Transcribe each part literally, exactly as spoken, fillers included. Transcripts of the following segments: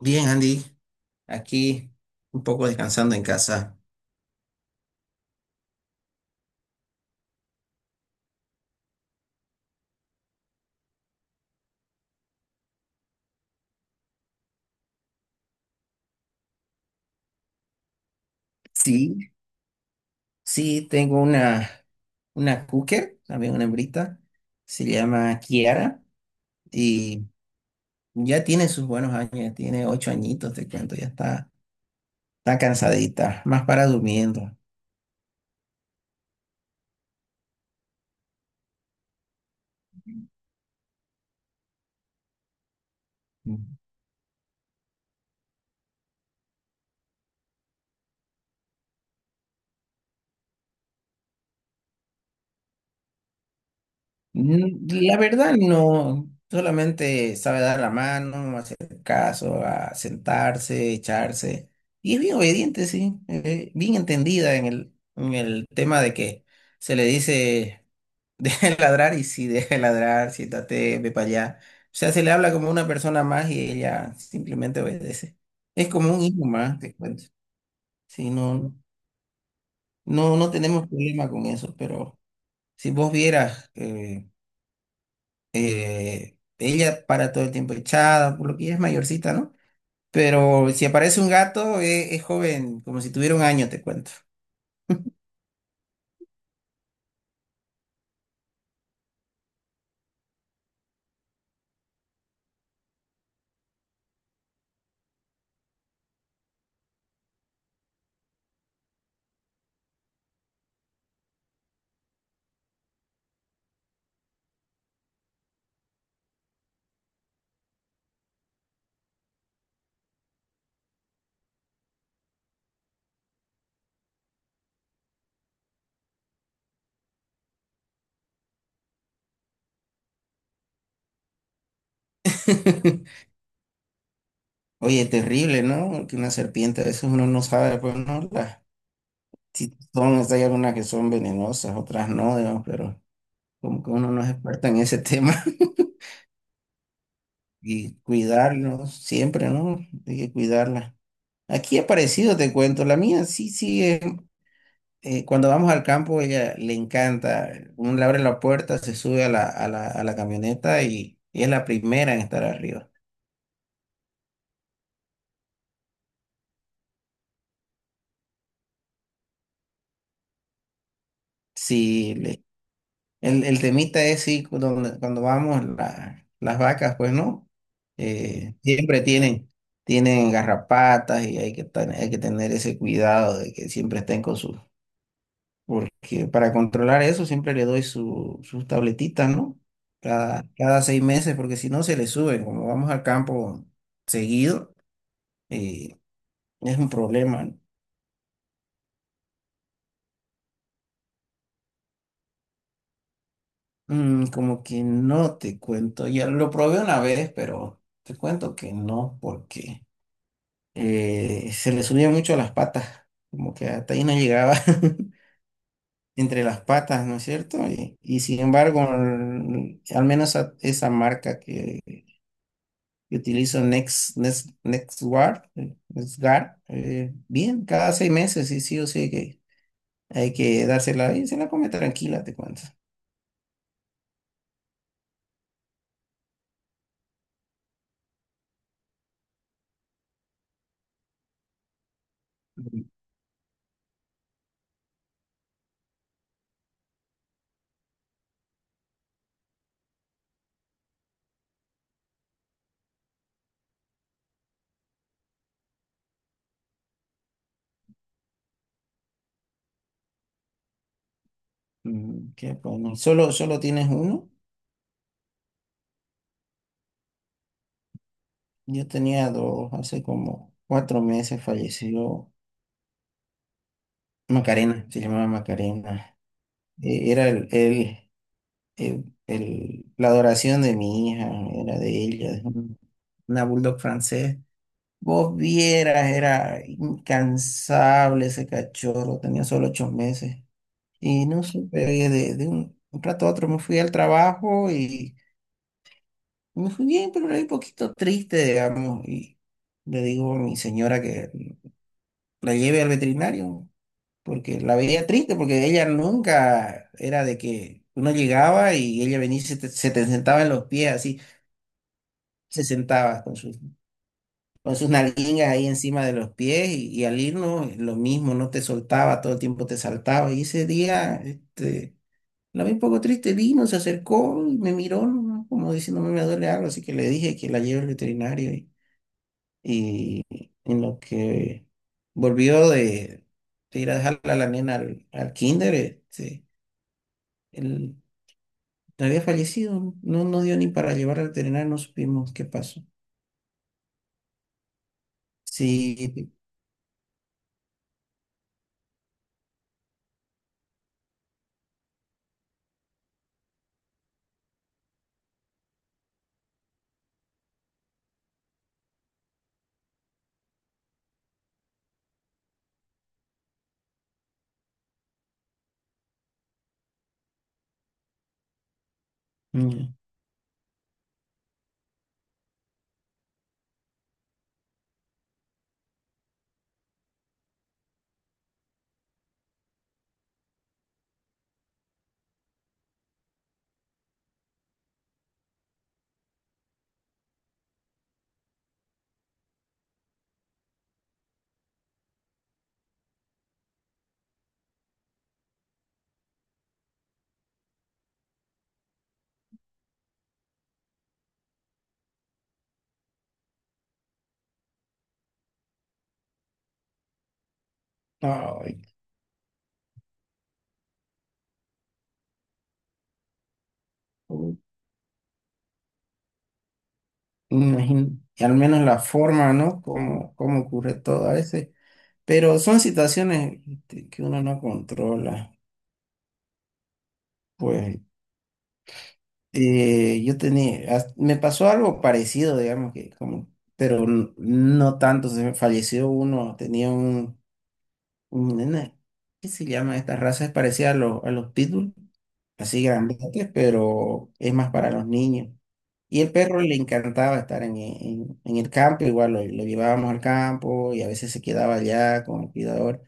Bien, Andy, aquí un poco descansando en casa. Sí, Sí, tengo una, una cooker, también una hembrita, se llama Kiara y ya tiene sus buenos años, ya tiene ocho añitos, te cuento, ya está, está cansadita, más para durmiendo. Mm, La verdad no, solamente sabe dar la mano, hacer caso, a sentarse, echarse. Y es bien obediente, sí, eh, bien entendida en el, en el tema de que se le dice deja de ladrar y si deja de ladrar, siéntate, ve para allá. O sea, se le habla como una persona más y ella simplemente obedece. Es como un hijo más, te cuento. Sí, no, no, no tenemos problema con eso, pero si vos vieras... eh, eh, ella para todo el tiempo echada, por lo que ella es mayorcita, ¿no? Pero si aparece un gato, eh, es joven, como si tuviera un año, te cuento. Oye, terrible, ¿no? Que una serpiente, a veces uno no sabe, pues, ¿no? Las- si son, si hay algunas que son venenosas, otras no, digamos, pero como que uno no es experto en ese tema. Y cuidarlos siempre, ¿no? Hay que cuidarla. Aquí ha aparecido, te cuento, la mía sí sigue eh, cuando vamos al campo, ella le encanta. eh, Uno le abre la puerta, se sube a la, a la, a la camioneta y, y es la primera en estar arriba. Sí, le- el, el temita es sí, cuando, cuando vamos, la- las vacas, pues no, Eh, siempre tienen, tienen garrapatas y hay que, tan- hay que tener ese cuidado de que siempre estén con su... Porque para controlar eso siempre le doy su, sus tabletitas, ¿no? Cada, cada seis meses, porque si no se le suben, como vamos al campo seguido eh, es un problema. Mm, como que no te cuento. Ya lo probé una vez, pero te cuento que no, porque eh, se le subía mucho a las patas. Como que hasta ahí no llegaba entre las patas, ¿no es cierto? Y, y sin embargo, al al menos a- esa marca que, que utilizo, Next, Next, NextGuard, eh, NextGuard, eh, bien, cada seis meses, sí, sí o sí que hay que dársela y se la come tranquila, te cuento. Mm. Mm, Qué bueno. ¿Solo, solo tienes uno? Yo tenía dos, hace como cuatro meses falleció. Macarena, se llamaba Macarena. Eh, Era el, el- el- el- la adoración de mi hija, era de ella, de un- una bulldog francés. Vos vieras, era incansable ese cachorro, tenía solo ocho meses. Y no supe, oye, de, de un, un rato a otro me fui al trabajo y me fui bien, pero era un poquito triste, digamos. Y le digo a mi señora que la lleve al veterinario. Porque la veía triste, porque ella nunca era de que uno llegaba y ella venía y se te, se te sentaba en los pies, así, se sentaba con sus, con sus nalguingas ahí encima de los pies y, y al irnos lo mismo, no te soltaba, todo el tiempo te saltaba y ese día, este, la vi un poco triste, vino, se acercó y me miró, ¿no? Como diciéndome me duele algo, así que le dije que la lleve al veterinario y, y en lo que volvió de, de ir a dejarla a la nena al, al kinder, este, él había fallecido, no, no dio ni para llevar al veterinario, no supimos qué pasó. Sí, mm, ay, u- imagín- y al menos la forma, ¿no? Como, como ocurre todo a veces. Pero son situaciones este, que uno no controla. Pues eh, yo tenía, as- me pasó algo parecido, digamos que como, pero n- no tanto, se me falleció uno, tenía un nena, ¿qué se llama? Esta raza es parecida a los, a los pitbull, así grandotes, pero es más para los niños. Y el perro le encantaba estar en, en- en el campo, igual lo, lo llevábamos al campo y a veces se quedaba allá con el cuidador.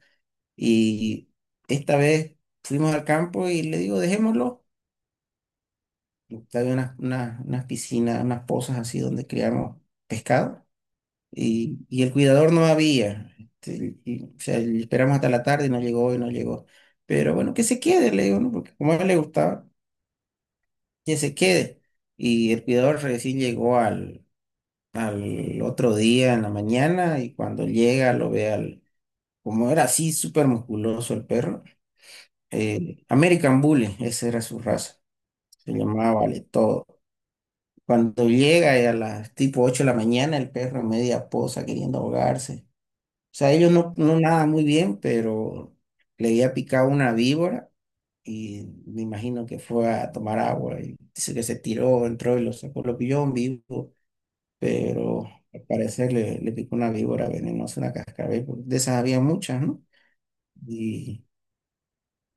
Y esta vez fuimos al campo y le digo, dejémoslo. Había unas, unas, unas piscinas, unas pozas así donde criamos pescado y, y el cuidador no había. Este, y, o sea, y esperamos hasta la tarde y no llegó y no llegó. Pero bueno, que se quede, le digo, ¿no? Porque como a él le gustaba, que se quede. Y el cuidador recién llegó al, al otro día en la mañana y cuando llega lo ve al, como era así, súper musculoso el perro. eh, American Bully, esa era su raza. Se llamaba Vale Todo. Cuando llega y a las tipo ocho de la mañana, el perro en media posa queriendo ahogarse. O sea, ellos no, no nadan muy bien, pero le había picado una víbora y me imagino que fue a tomar agua. Y dice que se tiró, entró y lo sacó, lo pilló en vivo, pero al parecer le, le picó una víbora venenosa, una cascabel, porque de esas había muchas, ¿no? Y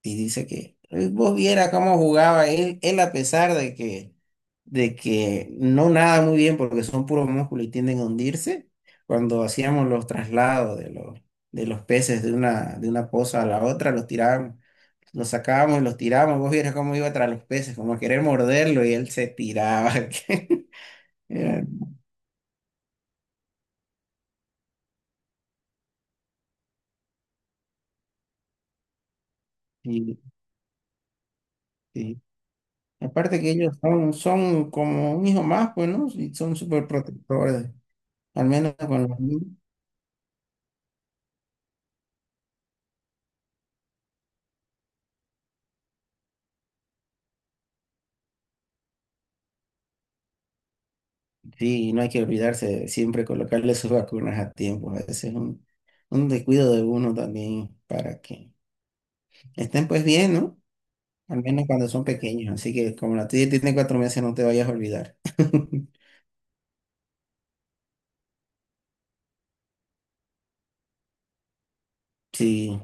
y dice que eh, vos viera cómo jugaba él, él a pesar de que, de que no nada muy bien porque son puros músculos y tienden a hundirse, cuando hacíamos los traslados de los, de los peces de una, de una poza a la otra, los tirábamos, los sacábamos y los tirábamos, vos vieras cómo iba tras los peces, como a querer morderlo y él se tiraba. Era- y, y aparte que ellos son, son como un hijo más, pues, ¿no? Y son súper protectores, al menos con los niños. Sí, no hay que olvidarse de siempre colocarle sus vacunas a tiempo. A veces es un, un descuido de uno también para que estén pues bien, ¿no? Al menos cuando son pequeños. Así que como la tuya tiene cuatro meses, no te vayas a olvidar. Sí,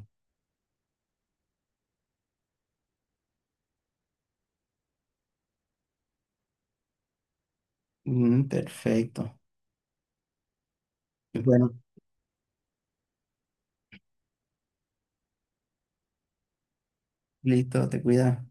mm, perfecto. Bueno, listo, te cuida.